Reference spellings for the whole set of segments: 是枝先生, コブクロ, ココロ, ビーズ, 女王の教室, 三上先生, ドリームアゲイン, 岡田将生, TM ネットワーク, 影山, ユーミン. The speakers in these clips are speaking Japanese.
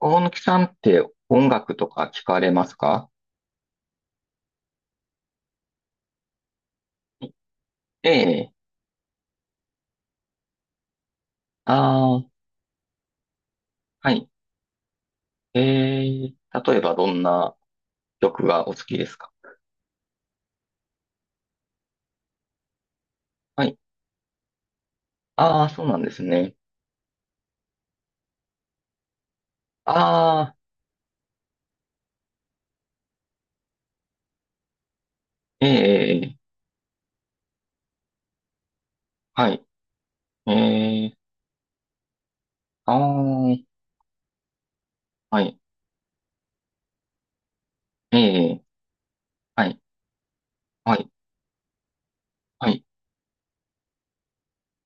大貫さんって音楽とか聞かれますか？ええ。ああ、はい。ええ、例えばどんな曲がお好きですか？はい。ああ、そうなんですね。ああ、ええ、ええはい。ええ、ああ、はい。ええ、はい、はい、はい。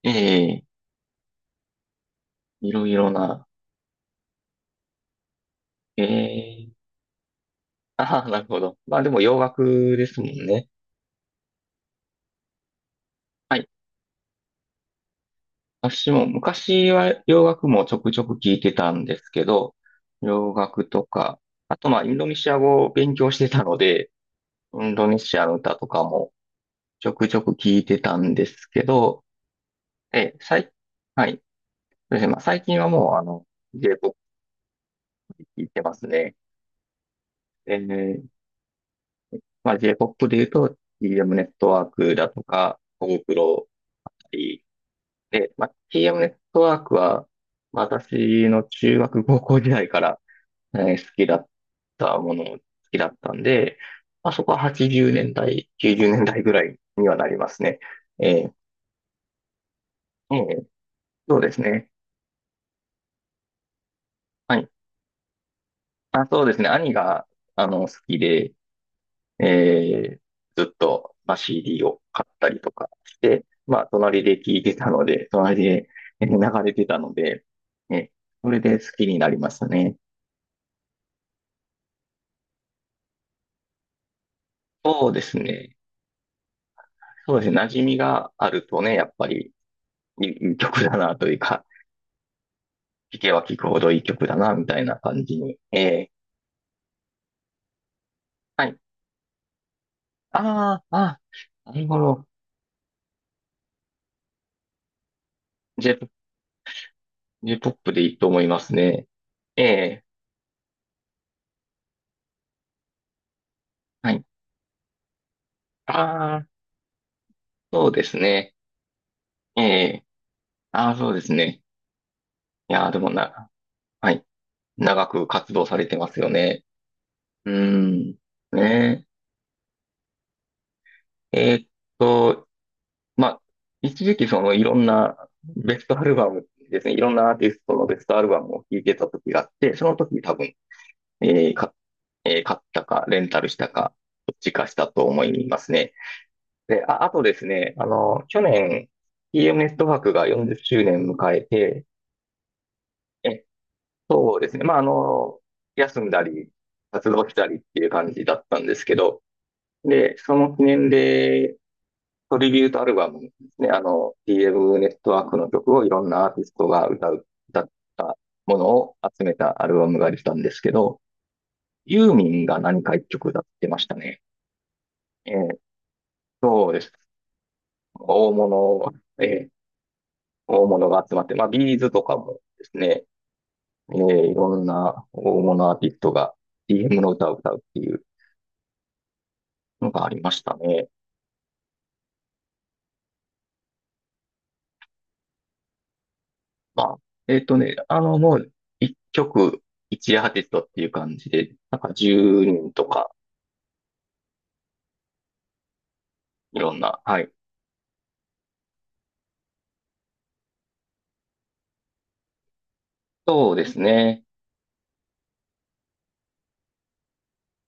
ええ、いろいろな。ええ、ああ、なるほど。まあでも洋楽ですもんね。私も昔は洋楽もちょくちょく聞いてたんですけど、洋楽とか、あとまあインドネシア語を勉強してたので、インドネシアの歌とかもちょくちょく聞いてたんですけど、え、最、はい。そうですね。まあ最近はもうJ-POP で聞いてますね。えーまあ J-POP で言うと TM ネットワークだとか、コブクロだったりで、まあ TM ネットワークは、私の中学高校時代から好きだったものも好きだったんで、まあ、そこは80年代、90年代ぐらいにはなりますね。えーえーそうですね。はい。あ、そうですね。兄が、好きで、えーずっと、まあ、CD を買ったりとかして、まあ、隣で聴いてたので、隣でえー流れてたので、ね、それで好きになりましたね。そうですね。そうですね。馴染みがあるとね、やっぱりいい曲だなというか、聴けば聴くほどいい曲だな、みたいな感じに。ええはい。ああ、ああ、なるほど。J-POP、 j ポップでいいと思いますね。ええはい。ああ、そうですね。ええああ、そうですね。いやー、でもな、はい。長く活動されてますよね。うーん。ねえ。と、まあ、一時期そのいろんなベストアルバムですね。いろんなアーティストのベストアルバムを聴いてた時があって、その時多分えーか、えー買ったか、レンタルしたか、どっちかしたと思いますね。で、あ、あとですね、去年、TM ネットワークが40周年迎えて、え、そうですね、まあ、休んだり、活動したりっていう感じだったんですけど、で、その記念で、トリビュートアルバムですね、TM ネットワークの曲をいろんなアーティストが歌ったものを集めたアルバムができたんですけど、ユーミンが何か一曲歌ってましたね。ええ、そうです。大物、ええ、大物が集まって、まあ、ビーズとかもですね、ええ、いろんな大物アーティストが DM の歌を歌うっていうのがありましたね。まあ、もう、一曲、一アーティストっていう感じで、なんか10人とか、いろんな、はい。そうですね。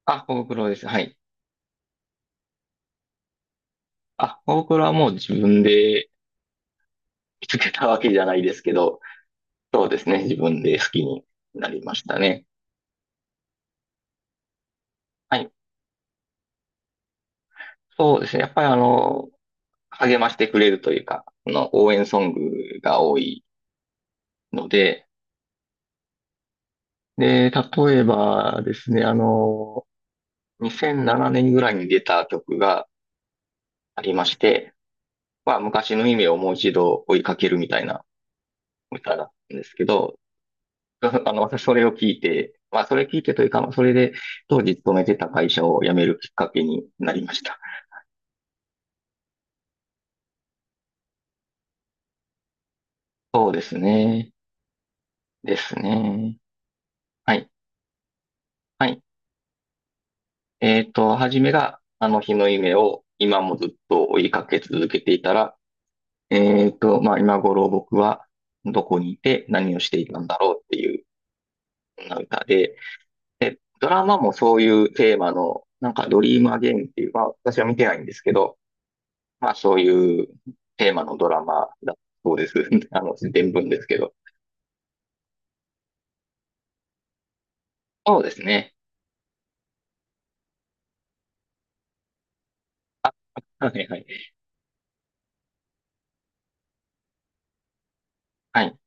あ、コブクロです。はい。あ、コブクロはもう自分で見つけたわけじゃないですけど、そうですね。自分で好きになりましたね。はい。そうですね。やっぱり励ましてくれるというか、応援ソングが多いので、で、例えばですね、2007年ぐらいに出た曲がありまして、まあ、昔の夢をもう一度追いかけるみたいな歌だったんですけど、私それを聞いて、まあ、それ聞いてというか、まあそれで当時勤めてた会社を辞めるきっかけになりました。そうですね。ですね。はい。はい、初めが、あの日の夢を今もずっと追いかけ続けていたら、まあ、今頃僕はどこにいて何をしていたんだろうっていう、そんな歌で、で、ドラマもそういうテーマの、なんかドリームアゲインっていう、まあ、私は見てないんですけど、まあ、そういうテーマのドラマだそうです。伝聞ですけど。そうですね。はいはい。はい。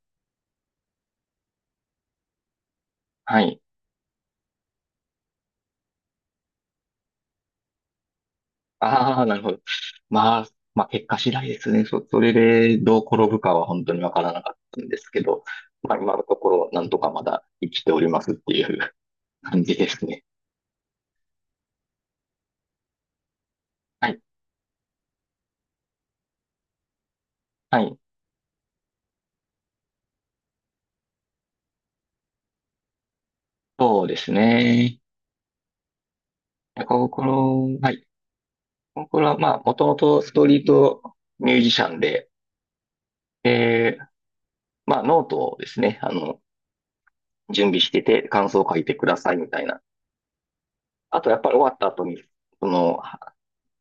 はい。ああ、なるほど。まあ、まあ結果次第ですね。それでどう転ぶかは本当にわからなかったんですけど、まあ今のところなんとかまだ生きておりますっていう感じですね。はい。はい。そうですね。ココロ、はい。ココロはまあもともとストリートミュージシャンで、で、まあノートをですね、準備してて感想を書いてくださいみたいな。あとやっぱり終わった後に、その、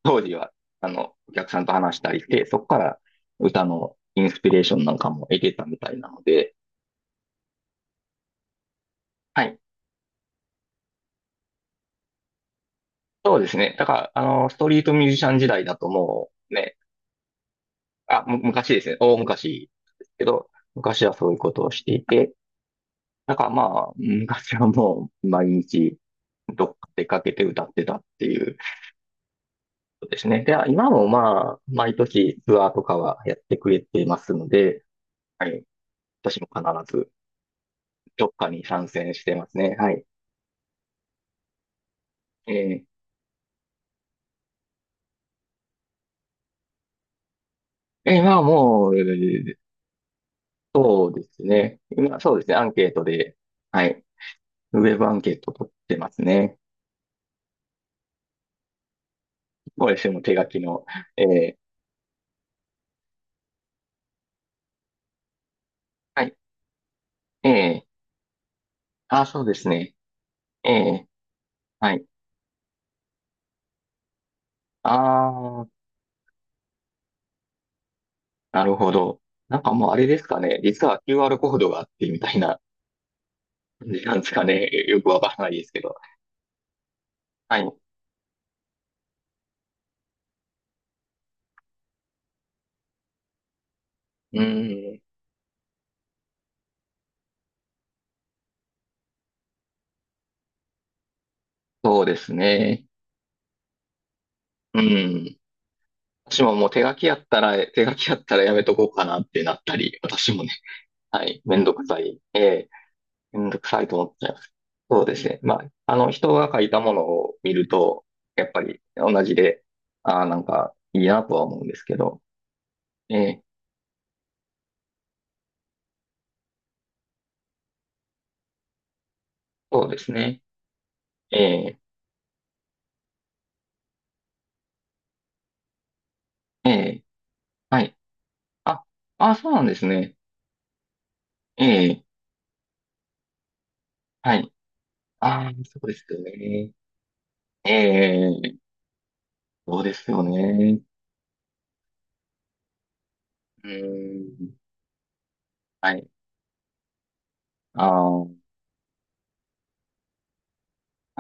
当時は、お客さんと話したりして、そこから歌のインスピレーションなんかも得てたみたいなので、はい。そうですね。だから、ストリートミュージシャン時代だともうね、あ、昔ですね。大昔ですけど、昔はそういうことをしていて、だからまあ、昔はもう毎日どっか出かけて歌ってたっていうことですね。で、今もまあ、毎年ツアーとかはやってくれてますので、はい。私も必ずどっかに参戦してますね。はい。ええええ、まあもう、そうですね。今そうですね。アンケートで、はい。ウェブアンケート取ってますね。これも手書きの。ええはい。ええあ、そうですね。ええはい。ああ、なるほど。なんかもうあれですかね。実は QR コードがあってみたいな感じなんですかね。よくわからないですけど。はい。うん。そうですね。うん。私ももう手書きやったらやめとこうかなってなったり、私もねはい。めんどくさい。ええ、めんどくさいと思っちゃいます。そうですね。まあ、人が書いたものを見ると、やっぱり同じで、ああ、なんかいいなとは思うんですけど、ええ、そうですね。ええ、ええ、はい。あ、あ、そうなんですね。ええ、はい。ああ、そうですよね。ええ、そうですよね。うーん、はい。ああ、は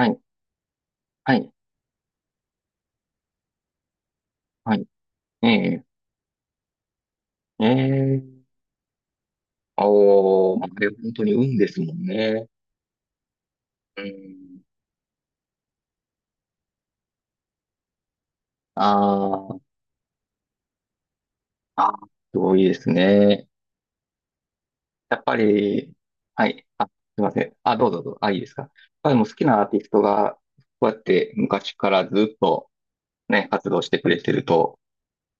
い、はい、はい。ええ、ええ、おー、まあ、あれ本当に運ですもんね。うん。あーあー、すごいですね。やっぱり、はい。あ、すいません。あ、どうぞどうぞ。あ、いいですか。やっぱりもう好きなアーティストが、こうやって昔からずっとね、活動してくれてると、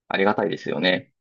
ありがたいですよね。